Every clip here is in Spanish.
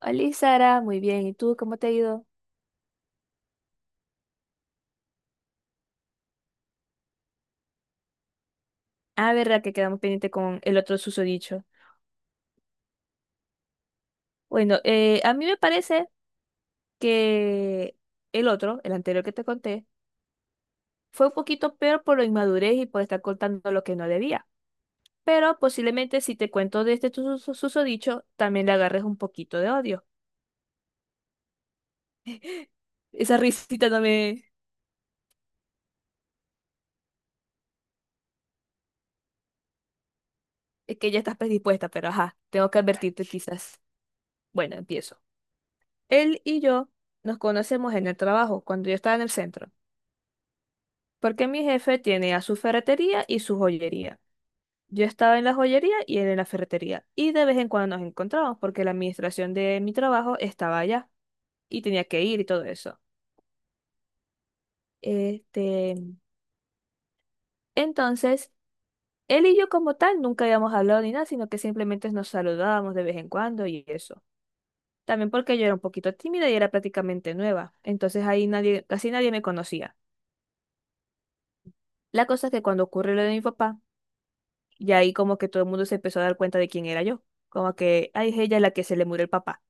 Hola, Sara, muy bien. ¿Y tú cómo te ha ido? Ah, verdad que quedamos pendiente con el otro susodicho. Bueno, a mí me parece que el otro, el anterior que te conté, fue un poquito peor por la inmadurez y por estar contando lo que no debía. Pero posiblemente si te cuento de este susodicho, también le agarres un poquito de odio. Esa risita no me... Es que ya estás predispuesta, pero ajá, tengo que advertirte quizás. Bueno, empiezo. Él y yo nos conocemos en el trabajo, cuando yo estaba en el centro. Porque mi jefe tiene a su ferretería y su joyería. Yo estaba en la joyería y él en la ferretería. Y de vez en cuando nos encontrábamos porque la administración de mi trabajo estaba allá y tenía que ir y todo eso. Este, entonces, él y yo como tal nunca habíamos hablado ni nada, sino que simplemente nos saludábamos de vez en cuando y eso. También porque yo era un poquito tímida y era prácticamente nueva. Entonces ahí nadie, casi nadie me conocía. La cosa es que cuando ocurre lo de mi papá, y ahí como que todo el mundo se empezó a dar cuenta de quién era yo. Como que, ay, es ella la que se le murió el papá.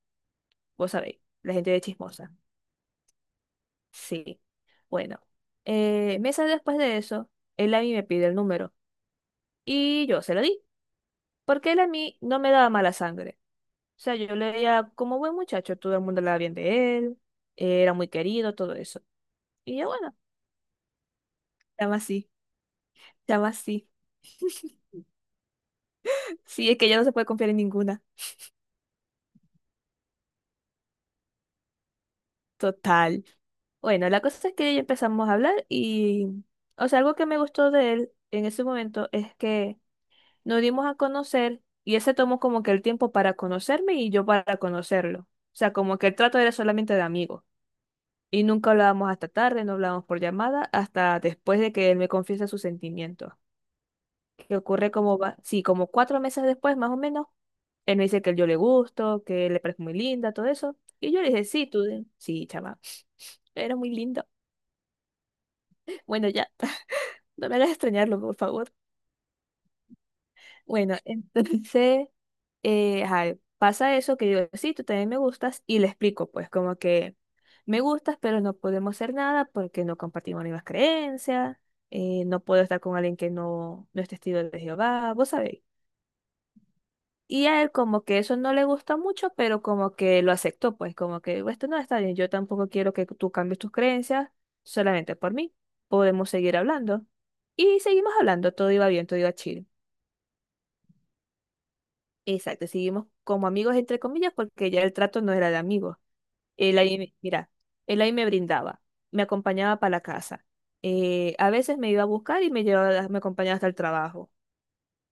Vos sabéis, la gente de chismosa. Sí. Bueno, meses después de eso, él a mí me pide el número. Y yo se lo di. Porque él a mí no me daba mala sangre. O sea, yo le veía como buen muchacho, todo el mundo hablaba bien de él. Era muy querido, todo eso. Y yo, bueno, llama así, llama así. Sí, es que ya no se puede confiar en ninguna. Total. Bueno, la cosa es que ya empezamos a hablar y, o sea, algo que me gustó de él en ese momento es que nos dimos a conocer y él se tomó como que el tiempo para conocerme y yo para conocerlo. O sea, como que el trato era solamente de amigo. Y nunca hablábamos hasta tarde, no hablábamos por llamada, hasta después de que él me confiesa sus sentimientos. Que ocurre como, sí, como cuatro meses después, más o menos, él me dice que yo le gusto, que le parece muy linda, todo eso. Y yo le dije, sí, tú, sí, chama, eres muy lindo. Bueno, ya. No me hagas extrañarlo, por favor. Bueno, entonces, ajá, pasa eso que yo, sí, tú también me gustas y le explico, pues, como que me gustas, pero no podemos hacer nada porque no compartimos las mismas creencias, no puedo estar con alguien que no es testigo de Jehová, vos sabéis. Y a él como que eso no le gusta mucho, pero como que lo aceptó, pues, como que "Bueno, esto no está bien, yo tampoco quiero que tú cambies tus creencias solamente por mí, podemos seguir hablando. Y seguimos hablando, todo iba bien, todo iba chill. Exacto, seguimos como amigos entre comillas porque ya el trato no era de amigos. Él ahí, mira, él ahí me brindaba, me acompañaba para la casa. A veces me iba a buscar y me llevaba, me acompañaba hasta el trabajo.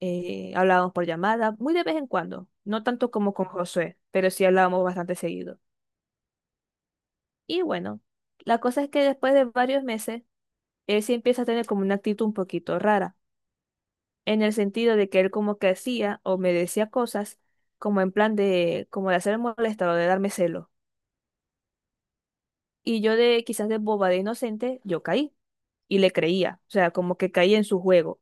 Hablábamos por llamada, muy de vez en cuando, no tanto como con Josué, pero sí hablábamos bastante seguido. Y bueno, la cosa es que después de varios meses, él sí empieza a tener como una actitud un poquito rara, en el sentido de que él como que hacía o me decía cosas como en plan de, como de hacer molestado, de darme celos. Y yo de quizás de boba de inocente, yo caí y le creía, o sea, como que caí en su juego.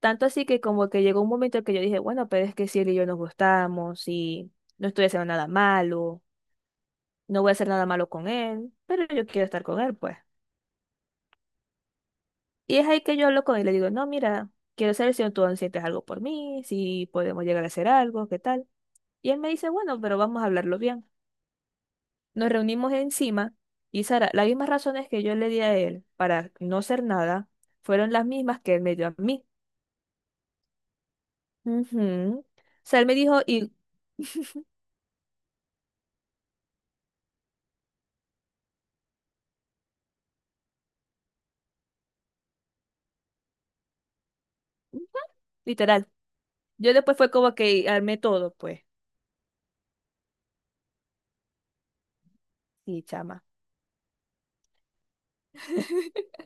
Tanto así que como que llegó un momento en que yo dije, bueno, pero es que si él y yo nos gustamos y no estoy haciendo nada malo, no voy a hacer nada malo con él, pero yo quiero estar con él, pues. Y es ahí que yo hablo con él y le digo, no, mira, quiero saber si tú aún sientes algo por mí, si podemos llegar a hacer algo, qué tal. Y él me dice, bueno, pero vamos a hablarlo bien. Nos reunimos encima y Sara, las mismas razones que yo le di a él para no hacer nada fueron las mismas que él me dio a mí. Ujú. O sea, él me dijo, y ujú, literal, yo después fue como que armé todo, pues, y chama.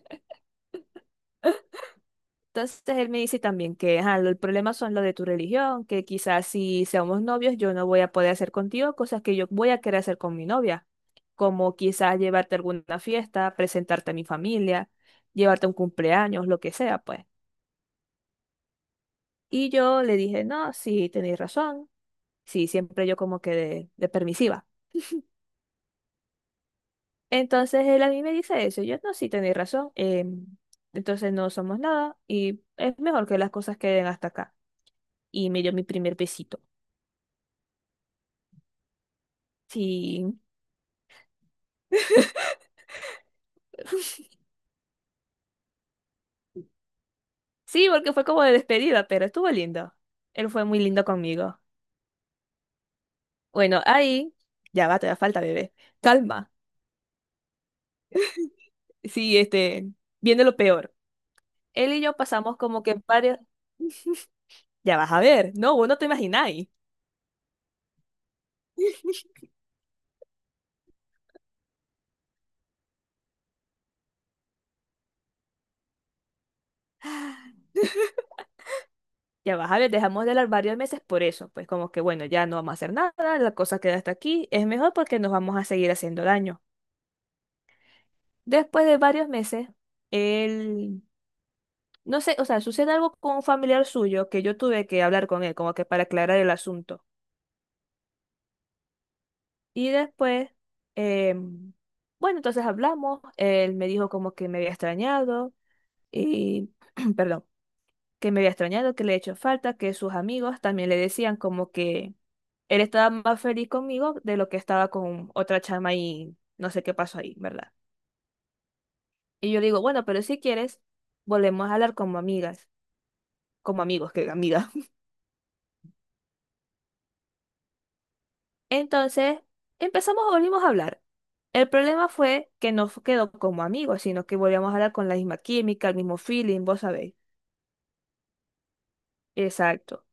Entonces él me dice también que ajá, el problema son lo de tu religión, que quizás si seamos novios yo no voy a poder hacer contigo cosas que yo voy a querer hacer con mi novia, como quizás llevarte a alguna fiesta, presentarte a mi familia, llevarte a un cumpleaños, lo que sea, pues. Y yo le dije, no, sí, tenéis razón. Sí, siempre yo como que de permisiva. Entonces él a mí me dice eso. Yo, no, sí, tenéis razón. Entonces no somos nada y es mejor que las cosas queden hasta acá. Y me dio mi primer besito. Sí, sí, porque fue como de despedida, pero estuvo lindo. Él fue muy lindo conmigo. Bueno, ahí, ya va, te da falta, bebé. Calma. Sí, viene lo peor. Él y yo pasamos como que varios... Ya vas a ver, no, vos no te imagináis. Ya vas a ver, dejamos de hablar varios meses por eso, pues como que bueno, ya no vamos a hacer nada, la cosa queda hasta aquí, es mejor porque nos vamos a seguir haciendo daño. Después de varios meses, él, no sé, o sea, sucede algo con un familiar suyo que yo tuve que hablar con él, como que para aclarar el asunto. Y después, em, bueno, entonces hablamos, él me dijo como que me había extrañado y, perdón, que me había extrañado, que le he hecho falta, que sus amigos también le decían como que él estaba más feliz conmigo de lo que estaba con otra chama y no sé qué pasó ahí, ¿verdad? Y yo le digo, bueno, pero si quieres, volvemos a hablar como amigas, como amigos, que amigas. Entonces, empezamos, volvimos a hablar. El problema fue que no fu- quedó como amigos, sino que volvíamos a hablar con la misma química, el mismo feeling, vos sabéis. Exacto.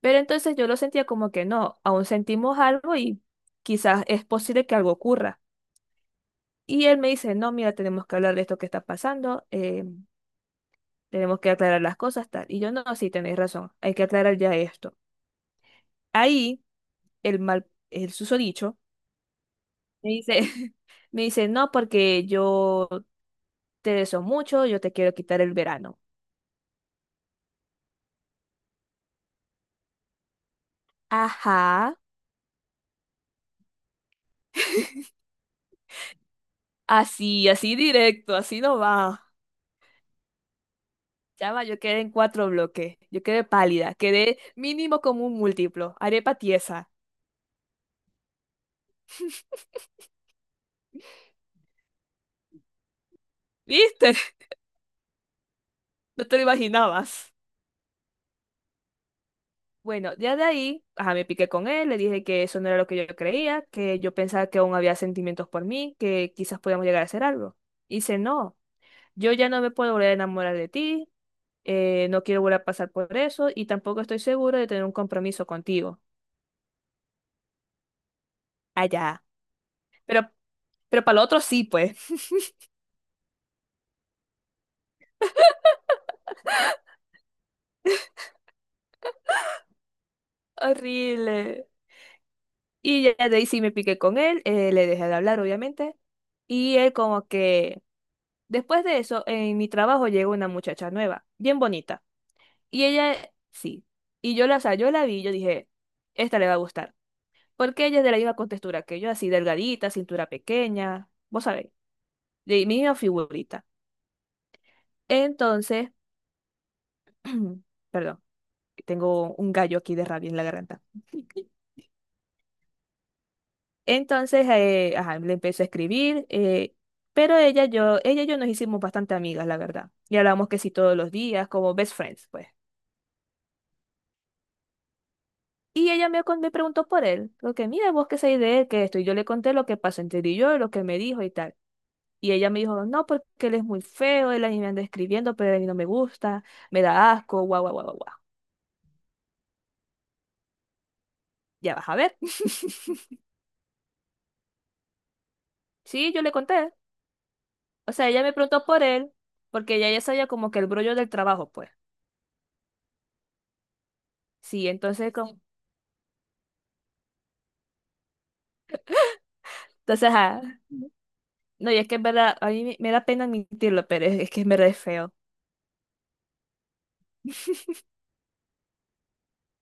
Pero entonces yo lo sentía como que no, aún sentimos algo y quizás es posible que algo ocurra. Y él me dice, no, mira, tenemos que hablar de esto que está pasando. Tenemos que aclarar las cosas, tal. Y yo, no, sí, tenéis razón, hay que aclarar ya esto. Ahí, el mal, el susodicho, me dice, me dice, no, porque yo te deseo mucho, yo te quiero quitar el verano. Ajá, así, así directo, así no va. Chama, yo quedé en cuatro bloques, yo quedé pálida, quedé mínimo como un múltiplo, arepa tiesa. ¿Viste? No te lo imaginabas. Bueno, ya de ahí, ajá, me piqué con él, le dije que eso no era lo que yo creía, que yo pensaba que aún había sentimientos por mí, que quizás podíamos llegar a hacer algo. Y dice, no, yo ya no me puedo volver a enamorar de ti, no quiero volver a pasar por eso y tampoco estoy seguro de tener un compromiso contigo. Allá. Pero, pero para lo otro sí, pues. Horrible. Y ya de ahí sí me piqué con él, le dejé de hablar, obviamente. Y él como que, después de eso, en mi trabajo llegó una muchacha nueva, bien bonita. Y ella, sí. Y yo la, o sea, yo la vi y yo dije, esta le va a gustar. Porque ella es de la misma contextura que yo, así delgadita, cintura pequeña, vos sabéis, de mi misma figurita. Entonces, perdón, que tengo un gallo aquí de rabia en la garganta. Entonces, ajá, le empecé a escribir, pero ella, yo, ella y yo nos hicimos bastante amigas, la verdad. Y hablamos que sí todos los días, como best friends, pues. Y ella me, me preguntó por él, porque mira, vos qué sabés de él, que esto, y yo le conté lo que pasó entre él y yo, lo que me dijo y tal. Y ella me dijo, no, porque él es muy feo, él a mí me anda escribiendo, pero a mí no me gusta, me da asco, guau, guau, guau, guau. Guau". Ya vas a ver. Sí, yo le conté. O sea, ella me preguntó por él, porque ella ya sabía como que el brollo del trabajo, pues. Sí, entonces, como... entonces, ajá. No, y es que en verdad, a mí me da pena admitirlo, pero es que en verdad es feo.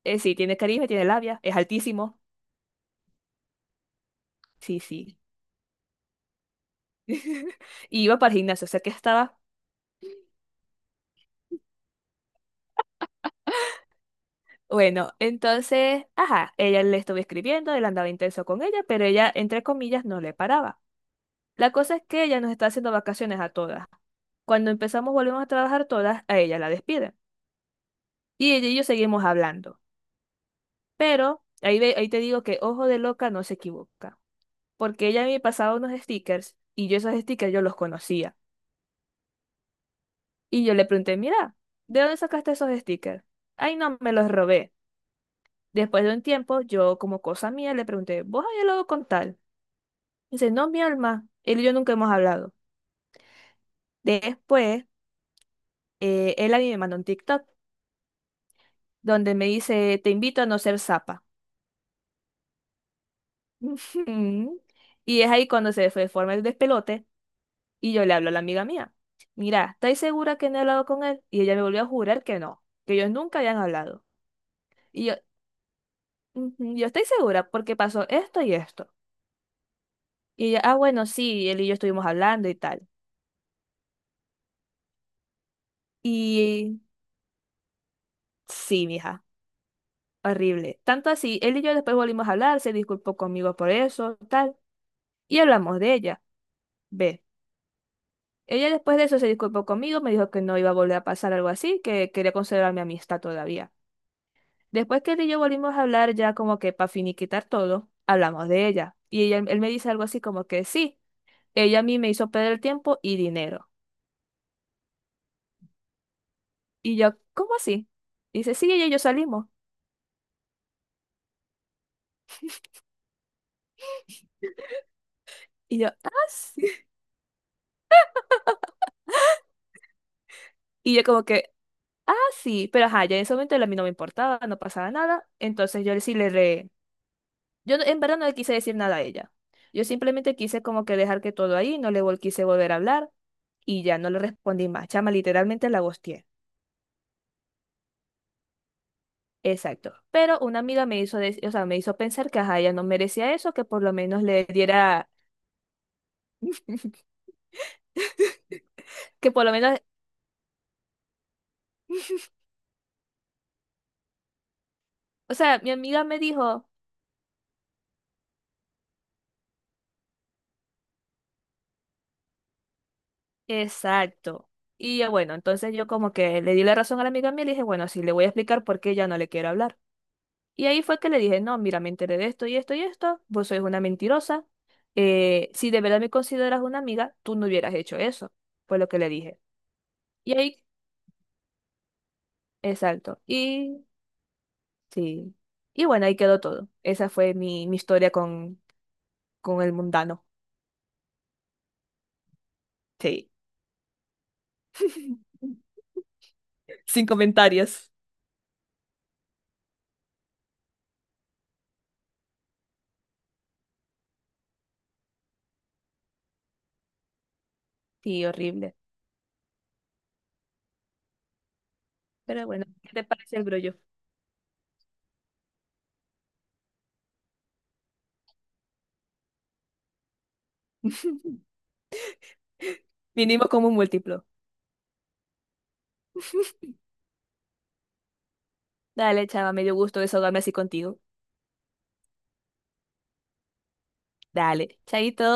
Sí, tiene carisma, tiene labia, es altísimo. Sí, sí. Y iba para el gimnasio, o sea que estaba. Bueno, entonces, ajá, ella le estuvo escribiendo, él andaba intenso con ella, pero ella, entre comillas, no le paraba. La cosa es que ella nos está haciendo vacaciones a todas. Cuando empezamos, volvemos a trabajar todas, a ella la despiden. Y ella y yo seguimos hablando. Pero ahí, ahí te digo que ojo de loca no se equivoca. Porque ella me pasaba unos stickers y yo esos stickers yo los conocía. Y yo le pregunté, mira, ¿de dónde sacaste esos stickers? Ay, no, me los robé. Después de un tiempo, yo como cosa mía le pregunté, ¿vos habías hablado con tal? Y dice, no, mi alma, él y yo nunca hemos hablado. Después, él a mí me mandó un TikTok donde me dice, te invito a no ser zapa. Ujú. Y es ahí cuando se fue de forma el despelote y yo le hablo a la amiga mía, mira, ¿estáis segura que no he hablado con él? Y ella me volvió a jurar que no, que ellos nunca habían hablado. Y yo, "Ujú, yo estoy segura porque pasó esto y esto. Y ella, ah, bueno, sí, él y yo estuvimos hablando y tal. Y sí, mija. Horrible. Tanto así, él y yo después volvimos a hablar, se disculpó conmigo por eso, tal, y hablamos de ella. Ve. Ella después de eso se disculpó conmigo, me dijo que no iba a volver a pasar algo así, que quería conservar mi amistad todavía. Después que él y yo volvimos a hablar, ya como que para finiquitar todo, hablamos de ella. Y ella, él me dice algo así como que sí, ella a mí me hizo perder tiempo y dinero. Y yo, ¿cómo así? Dice, sí, ella y yo salimos. Y yo, ah, sí. Y yo como que, sí, pero ajá, ya en ese momento a mí no me importaba, no pasaba nada. Entonces yo sí le re... Yo en verdad no le quise decir nada a ella. Yo simplemente quise como que dejar que todo ahí, no quise volver a hablar y ya no le respondí más. Chama, literalmente la ghosteé. Exacto. Pero una amiga me hizo, o sea, me hizo pensar que ajá, ella no merecía eso, que por lo menos le diera, que por lo menos o sea, mi amiga me dijo, exacto. Y yo, bueno, entonces yo como que le di la razón a la amiga mía y le dije, bueno, sí, le voy a explicar por qué ya no le quiero hablar. Y ahí fue que le dije, no, mira, me enteré de esto y esto y esto, vos sois una mentirosa. Eh, si de verdad me consideras una amiga, tú no hubieras hecho eso. Fue lo que le dije. Y ahí, exacto. Y sí. Y bueno, ahí quedó todo. Esa fue mi, mi historia con el mundano. Sí. Sin comentarios. Sí, horrible. Pero bueno, ¿qué te parece el brollo? Vinimos como un múltiplo. Dale, chava, me dio gusto desahogarme así contigo. Dale, chaito.